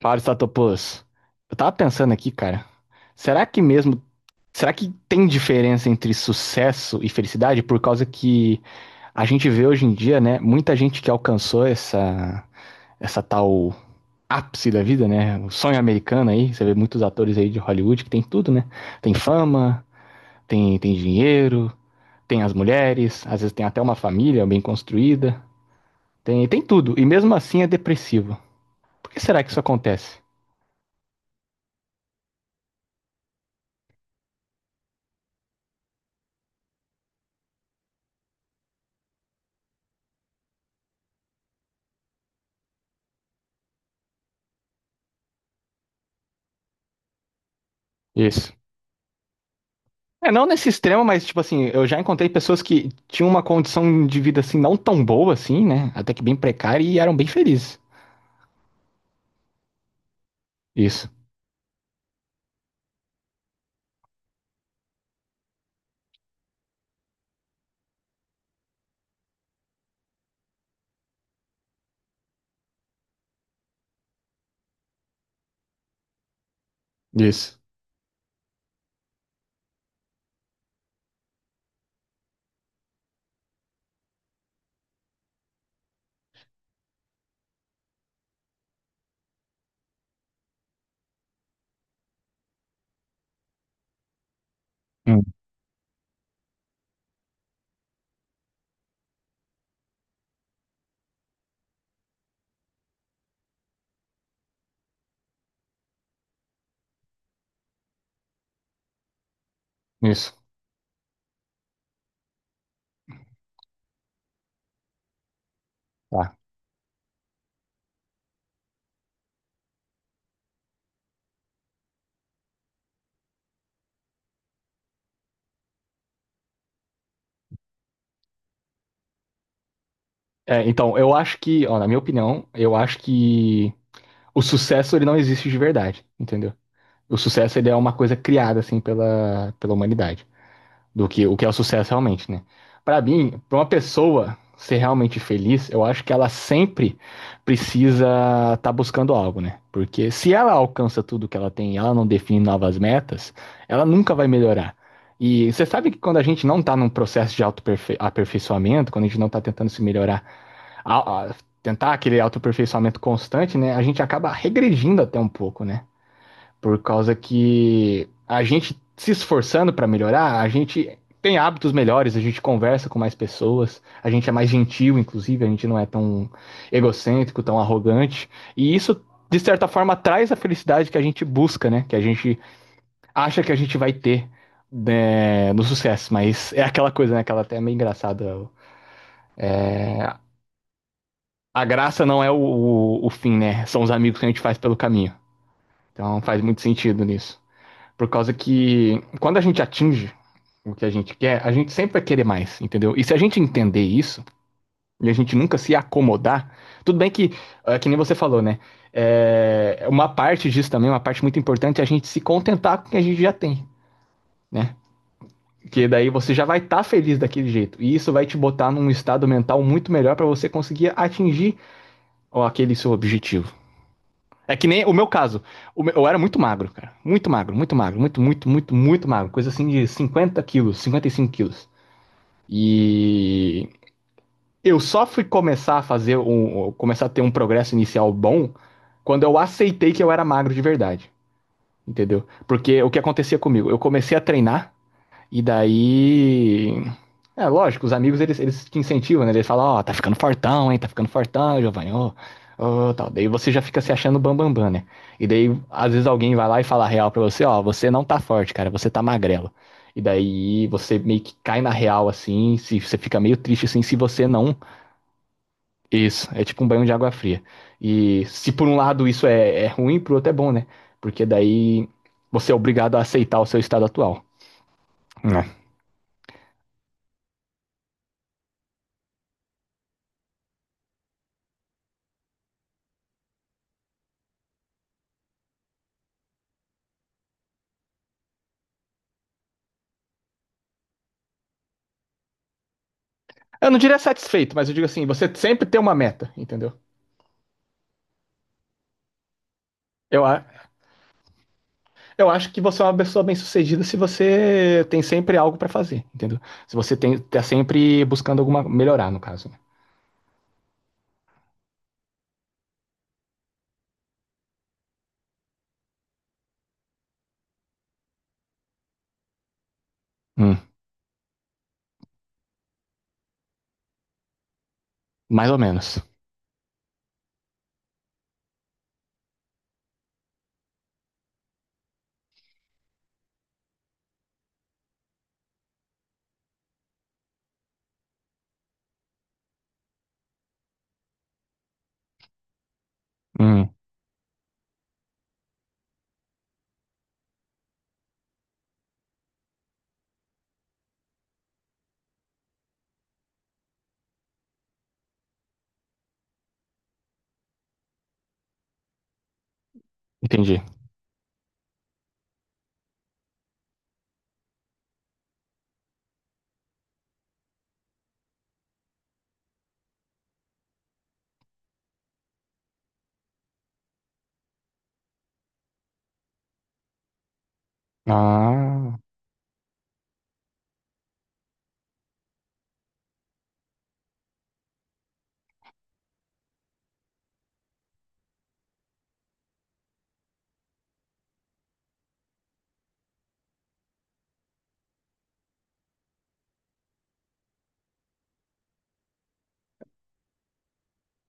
Fábio Statopoulos, eu tava pensando aqui, cara, será que mesmo, será que tem diferença entre sucesso e felicidade? Por causa que a gente vê hoje em dia, né, muita gente que alcançou essa tal ápice da vida, né, o sonho americano aí, você vê muitos atores aí de Hollywood que tem tudo, né, tem fama, tem dinheiro, tem as mulheres, às vezes tem até uma família bem construída, tem tudo, e mesmo assim é depressivo. Por que será que isso acontece? Isso. É, não nesse extremo, mas, tipo assim, eu já encontrei pessoas que tinham uma condição de vida, assim, não tão boa, assim, né? Até que bem precária e eram bem felizes. Isso, isso. Hum. Isso. Tá. É, então, eu acho que, ó, na minha opinião, eu acho que o sucesso, ele não existe de verdade, entendeu? O sucesso, ele é uma coisa criada, assim, pela humanidade. Do que o que é o sucesso realmente, né? Pra mim, pra uma pessoa ser realmente feliz, eu acho que ela sempre precisa estar buscando algo, né? Porque se ela alcança tudo que ela tem e ela não define novas metas, ela nunca vai melhorar. E você sabe que quando a gente não tá num processo de autoaperfeiçoamento, quando a gente não tá tentando se melhorar, a- a- tentar aquele autoaperfeiçoamento constante, né? A gente acaba regredindo até um pouco, né? Por causa que a gente se esforçando para melhorar, a gente tem hábitos melhores, a gente conversa com mais pessoas, a gente é mais gentil, inclusive, a gente não é tão egocêntrico, tão arrogante. E isso, de certa forma, traz a felicidade que a gente busca, né? Que a gente acha que a gente vai ter, né, no sucesso. Mas é aquela coisa, né? Aquela até é meio engraçada. A graça não é o fim, né? São os amigos que a gente faz pelo caminho. Então faz muito sentido nisso. Por causa que quando a gente atinge o que a gente quer, a gente sempre vai querer mais, entendeu? E se a gente entender isso, e a gente nunca se acomodar, tudo bem que, é, que nem você falou, né? É, uma parte disso também, uma parte muito importante, é a gente se contentar com o que a gente já tem, né? Porque daí você já vai estar tá feliz daquele jeito. E isso vai te botar num estado mental muito melhor para você conseguir atingir aquele seu objetivo. É que nem o meu caso. O meu- eu era muito magro, cara. Muito magro, muito magro, muito, muito, muito, muito magro. Coisa assim de 50 kg, 55 kg. E eu só fui começar a fazer começar a ter um progresso inicial bom quando eu aceitei que eu era magro de verdade, entendeu? Porque o que acontecia comigo? Eu comecei a treinar e daí, é lógico, os amigos eles te incentivam, né? Eles falam, ó, tá ficando fortão, hein? Tá ficando fortão, Giovanni, ó, ó, tal. Daí você já fica se achando bambambam, bam, bam, né? E daí às vezes alguém vai lá e fala a real pra você, ó, você não tá forte, cara, você tá magrelo. E daí você meio que cai na real assim, se você fica meio triste assim se você não. Isso, é tipo um banho de água fria. E se por um lado isso é ruim, por outro é bom, né? Porque daí você é obrigado a aceitar o seu estado atual. Né? Eu não diria satisfeito, mas eu digo assim, você sempre tem uma meta, entendeu? Eu, a- eu acho que você é uma pessoa bem-sucedida se você tem sempre algo pra fazer, entendeu? Se você tem, tá sempre buscando alguma melhorar, no caso. Né? Hum, mais ou menos. Hum, entendi. Ah,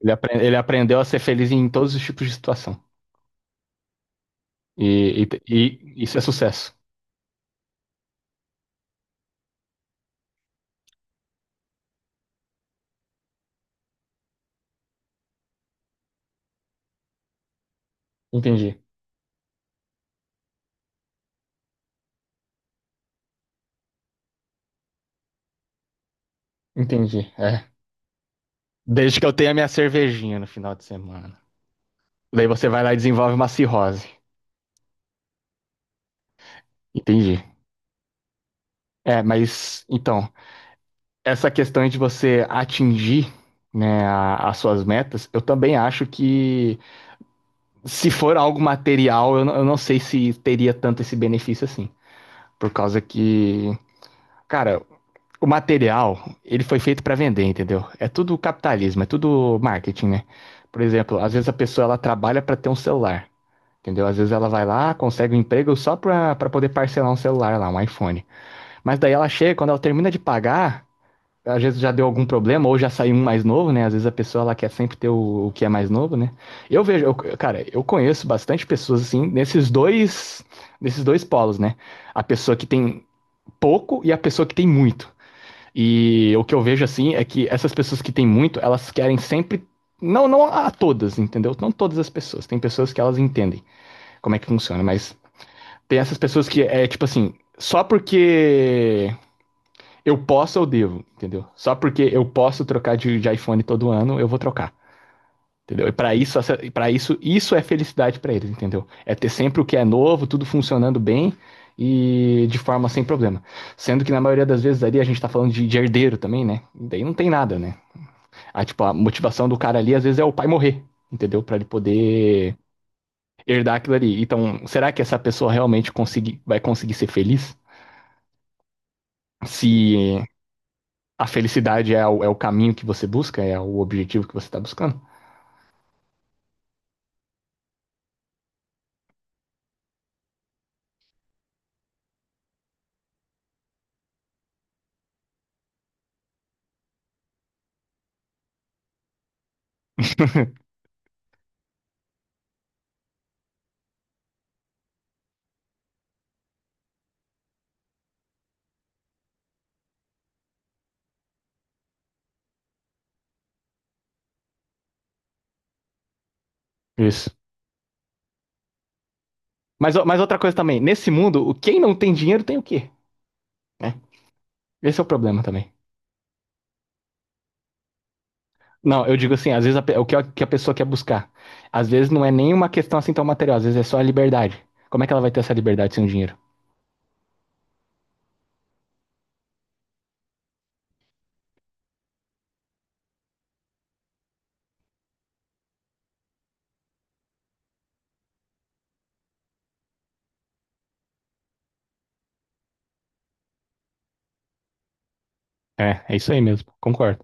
ele aprendeu a ser feliz em todos os tipos de situação. E isso é sucesso. Entendi, entendi. É. Desde que eu tenha minha cervejinha no final de semana. Daí você vai lá e desenvolve uma cirrose. Entendi. É, mas então, essa questão de você atingir, né, as suas metas, eu também acho que se for algo material, eu não sei se teria tanto esse benefício assim. Por causa que, cara, o material, ele foi feito pra vender, entendeu? É tudo capitalismo, é tudo marketing, né? Por exemplo, às vezes a pessoa ela trabalha pra ter um celular. Entendeu? Às vezes ela vai lá, consegue um emprego só pra, pra poder parcelar um celular lá, um iPhone. Mas daí ela chega, quando ela termina de pagar, às vezes já deu algum problema, ou já saiu um mais novo, né? Às vezes a pessoa ela quer sempre ter o que é mais novo, né? Cara, eu conheço bastante pessoas assim, nesses dois polos, né? A pessoa que tem pouco e a pessoa que tem muito. E o que eu vejo assim é que essas pessoas que têm muito, elas querem sempre. Não a todas, entendeu? Não todas as pessoas. Tem pessoas que elas entendem como é que funciona, mas. Tem essas pessoas que é tipo assim, só porque eu posso, eu devo, entendeu? Só porque eu posso trocar de iPhone todo ano, eu vou trocar. Entendeu? Para isso, isso é felicidade para eles, entendeu? É ter sempre o que é novo, tudo funcionando bem e de forma sem problema. Sendo que na maioria das vezes ali a gente tá falando de herdeiro também, né? E daí não tem nada, né? A, tipo, a motivação do cara ali às vezes é o pai morrer, entendeu? Para ele poder herdar aquilo ali. Então, será que essa pessoa realmente conseguir, vai conseguir ser feliz? Se a felicidade é é o caminho que você busca, é o objetivo que você está buscando. Isso. Mas outra coisa também, nesse mundo, o- quem não tem dinheiro tem o quê? Né? Esse é o problema também. Não, eu digo assim, às vezes a o que a pessoa quer buscar, às vezes não é nem uma questão assim tão material, às vezes é só a liberdade. Como é que ela vai ter essa liberdade sem o dinheiro? É, é isso aí mesmo, concordo.